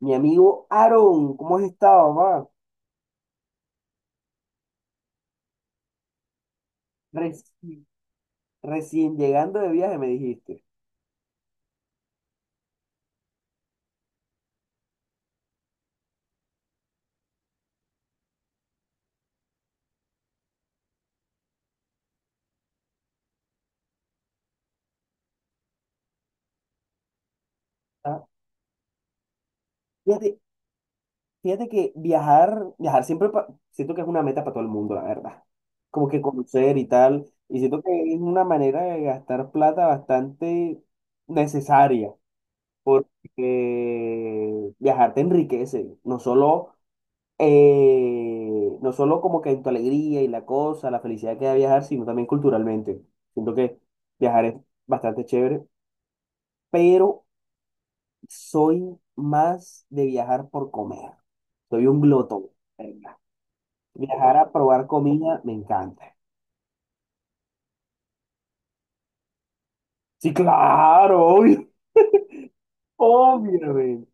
Mi amigo Aaron, ¿cómo has estado, mamá? Recién, recién llegando de viaje, me dijiste. Ah, Fíjate, fíjate que viajar, viajar siempre siento que es una meta para todo el mundo, la verdad. Como que conocer y tal. Y siento que es una manera de gastar plata bastante necesaria, porque viajar te enriquece, no solo como que en tu alegría y la cosa, la felicidad que da viajar, sino también culturalmente. Siento que viajar es bastante chévere, pero soy más de viajar por comer. Soy un glotón, ¿verdad? Viajar a probar comida me encanta. Sí, claro, obvio, obviamente.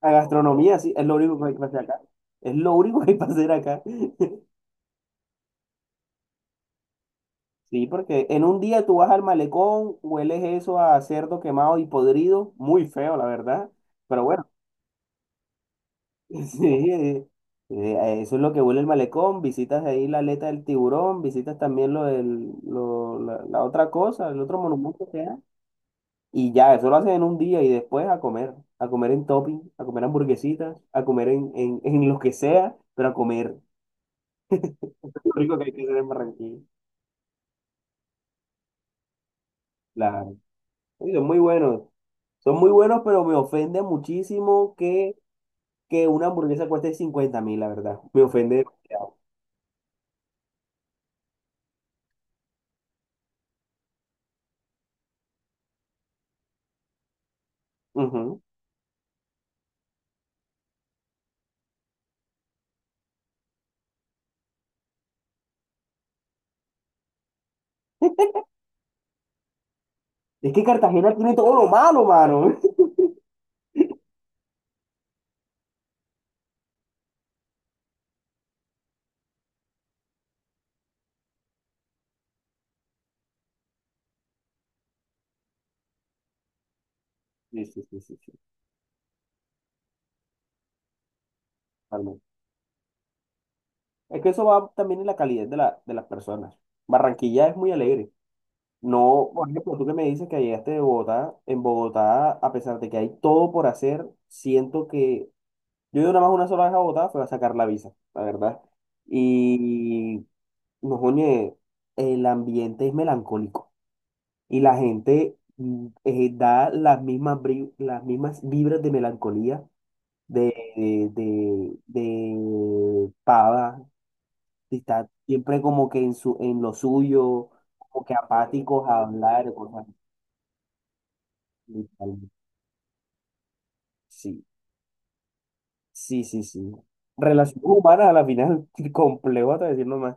La gastronomía, sí, es lo único que hay que hacer acá. Es lo único que hay que hacer acá. Sí, porque en un día tú vas al malecón, hueles eso a cerdo quemado y podrido, muy feo, la verdad. Pero bueno, sí, eh, eso es lo que huele el malecón. Visitas ahí la aleta del tiburón, visitas también lo del, lo- la otra cosa, el otro monumento que hay. Y ya, eso lo haces en un día y después a comer en topping, a comer hamburguesitas, a comer en lo que sea, pero a comer. Lo rico que hay que hacer en Barranquilla. Claro. Uy, son muy buenos. Son muy buenos, pero me ofende muchísimo que una hamburguesa cueste 50.000, la verdad. Me ofende demasiado. Ujú. Es que Cartagena tiene todo lo malo, mano. Sí, sí, sí, sí, sí, totalmente. Es que eso va también en la calidad de las personas. Barranquilla es muy alegre. No, por ejemplo, tú que me dices que llegaste de Bogotá, en Bogotá, a pesar de que hay todo por hacer, siento que yo he ido nada más una sola vez a Bogotá, fue a sacar la visa, la verdad. Y no, oye, el ambiente es melancólico y la gente da las mismas vibras de melancolía de Pava. Y está siempre como que en lo suyo, como que apáticos a hablar, cosas así. Sí, sí, sí, sí. Relaciones humanas a la final, complejo hasta decir nomás.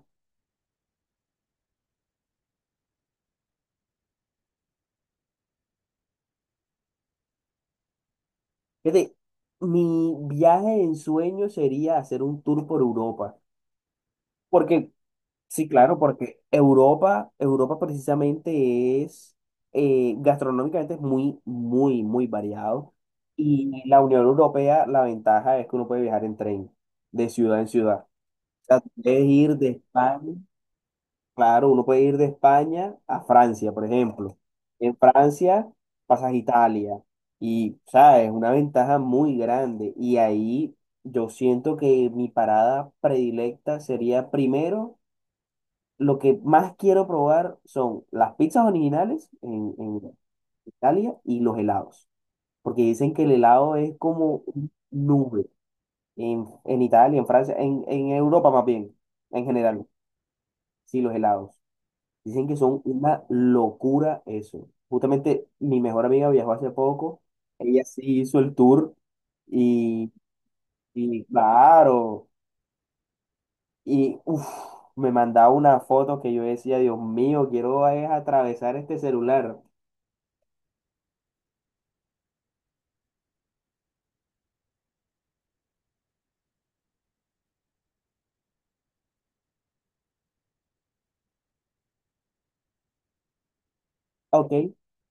Fíjate, mi viaje en sueño sería hacer un tour por Europa. Porque Sí, claro, porque Europa, Europa precisamente es, gastronómicamente es muy, muy, muy variado. Y la Unión Europea, la ventaja es que uno puede viajar en tren, de ciudad en ciudad. O sea, tú puedes ir de España, claro, uno puede ir de España a Francia, por ejemplo. En Francia pasas a Italia. Y, sabes, es una ventaja muy grande. Y ahí yo siento que mi parada predilecta sería primero lo que más quiero probar son las pizzas originales en Italia y los helados, porque dicen que el helado es como un nube en Italia, en Francia, en Europa más bien, en general, sí, los helados. Dicen que son una locura eso. Justamente mi mejor amiga viajó hace poco, ella sí hizo el tour y, y, claro, y uf, me mandaba una foto que yo decía, Dios mío, quiero es atravesar este celular. Ok,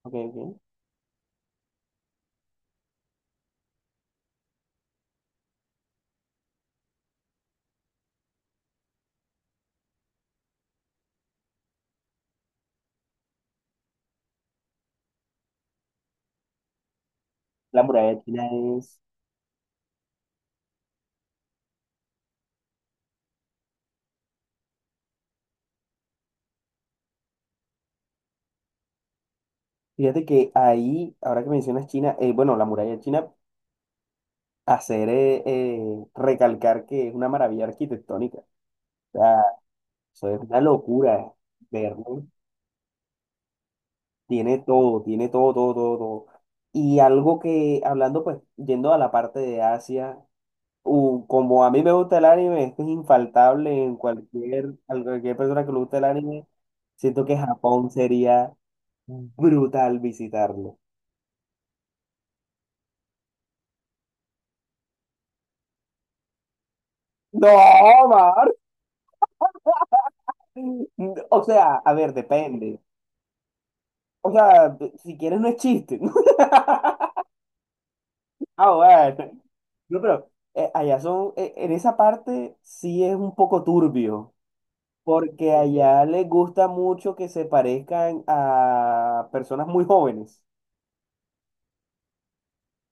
ok, ok. La muralla china es... Fíjate que ahí, ahora que mencionas China, bueno, la muralla china, hacer recalcar que es una maravilla arquitectónica. O sea, eso es una locura verlo. Tiene todo, todo, todo, todo. Y algo que, hablando pues, yendo a la parte de Asia, como a mí me gusta el anime, esto es infaltable en a cualquier persona que le guste el anime, siento que Japón sería brutal visitarlo. No, Mar. O sea, a ver, depende. O sea, si quieres no es chiste. Ah, bueno. No, pero allá son, en esa parte sí es un poco turbio, porque allá les gusta mucho que se parezcan a personas muy jóvenes.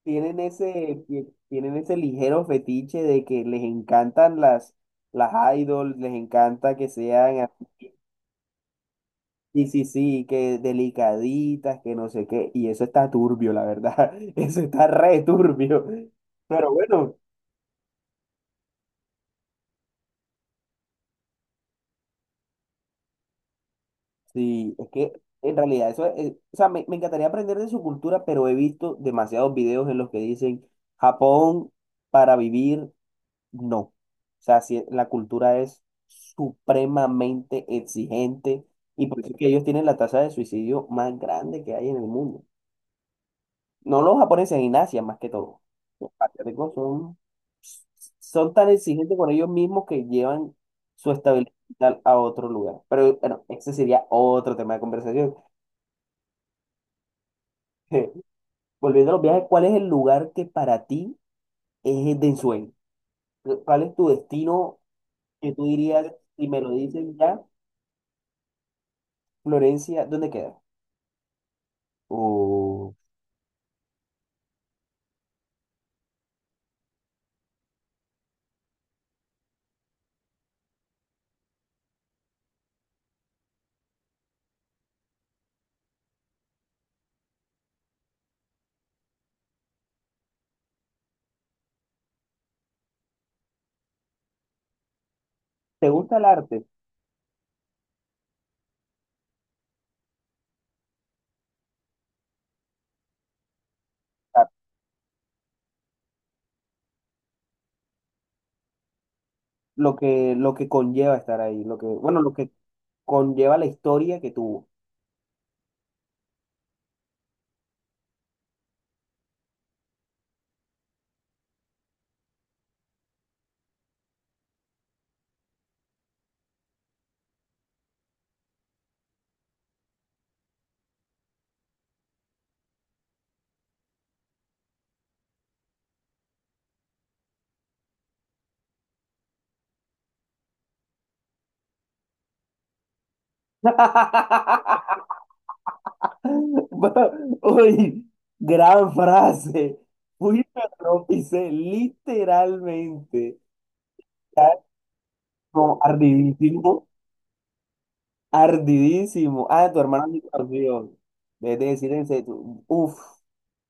Tienen ese ligero fetiche de que les encantan las, idols, les encanta que sean así. Sí, sí, sí, que delicaditas, que no sé qué, y eso está turbio, la verdad, eso está re turbio, pero bueno, sí, es que en realidad eso es, o sea, me encantaría aprender de su cultura, pero he visto demasiados videos en los que dicen, Japón para vivir, no, o sea, si la cultura es supremamente exigente, y por eso es que ellos tienen la tasa de suicidio más grande que hay en el mundo. No los japoneses, en Asia más que todo. Los asiáticos son tan exigentes con ellos mismos que llevan su estabilidad a otro lugar. Pero bueno, ese sería otro tema de conversación. Volviendo a los viajes, ¿cuál es el lugar que para ti es de ensueño? ¿Cuál es tu destino que tú dirías, si me lo dicen ya, Florencia, ¿dónde queda? O, ¿Te gusta el arte? Ah, Lo que conlleva estar ahí, bueno, lo que conlleva la historia que tuvo. Va- Uy, gran frase. Fui a lo literalmente. Está como ardidísimo, ardidísimo. Ah, tu hermano ni campeón. Vez de decir en serio, uff,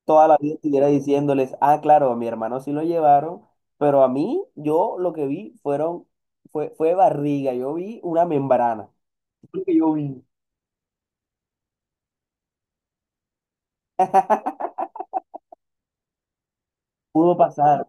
toda la vida estuviera diciéndoles, ah, claro, a mi hermano sí lo llevaron, pero a mí, yo lo que vi fue barriga, yo vi una membrana. Lo que yo vi, pudo pasar.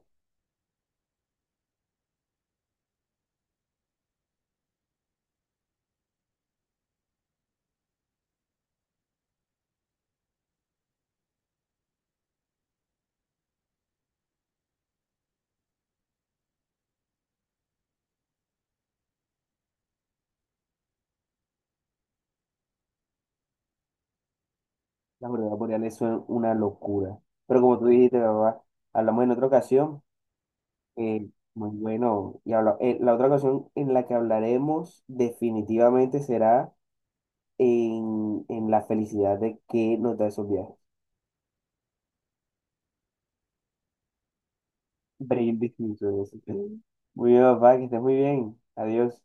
Las auroras boreales son una locura. Pero como tú dijiste, papá, hablamos en otra ocasión. eh, muy bueno. Y la otra ocasión en la que hablaremos definitivamente será en la felicidad de que nos da esos viajes. Brindis, mis Muy bien, papá, que estés muy bien. Adiós.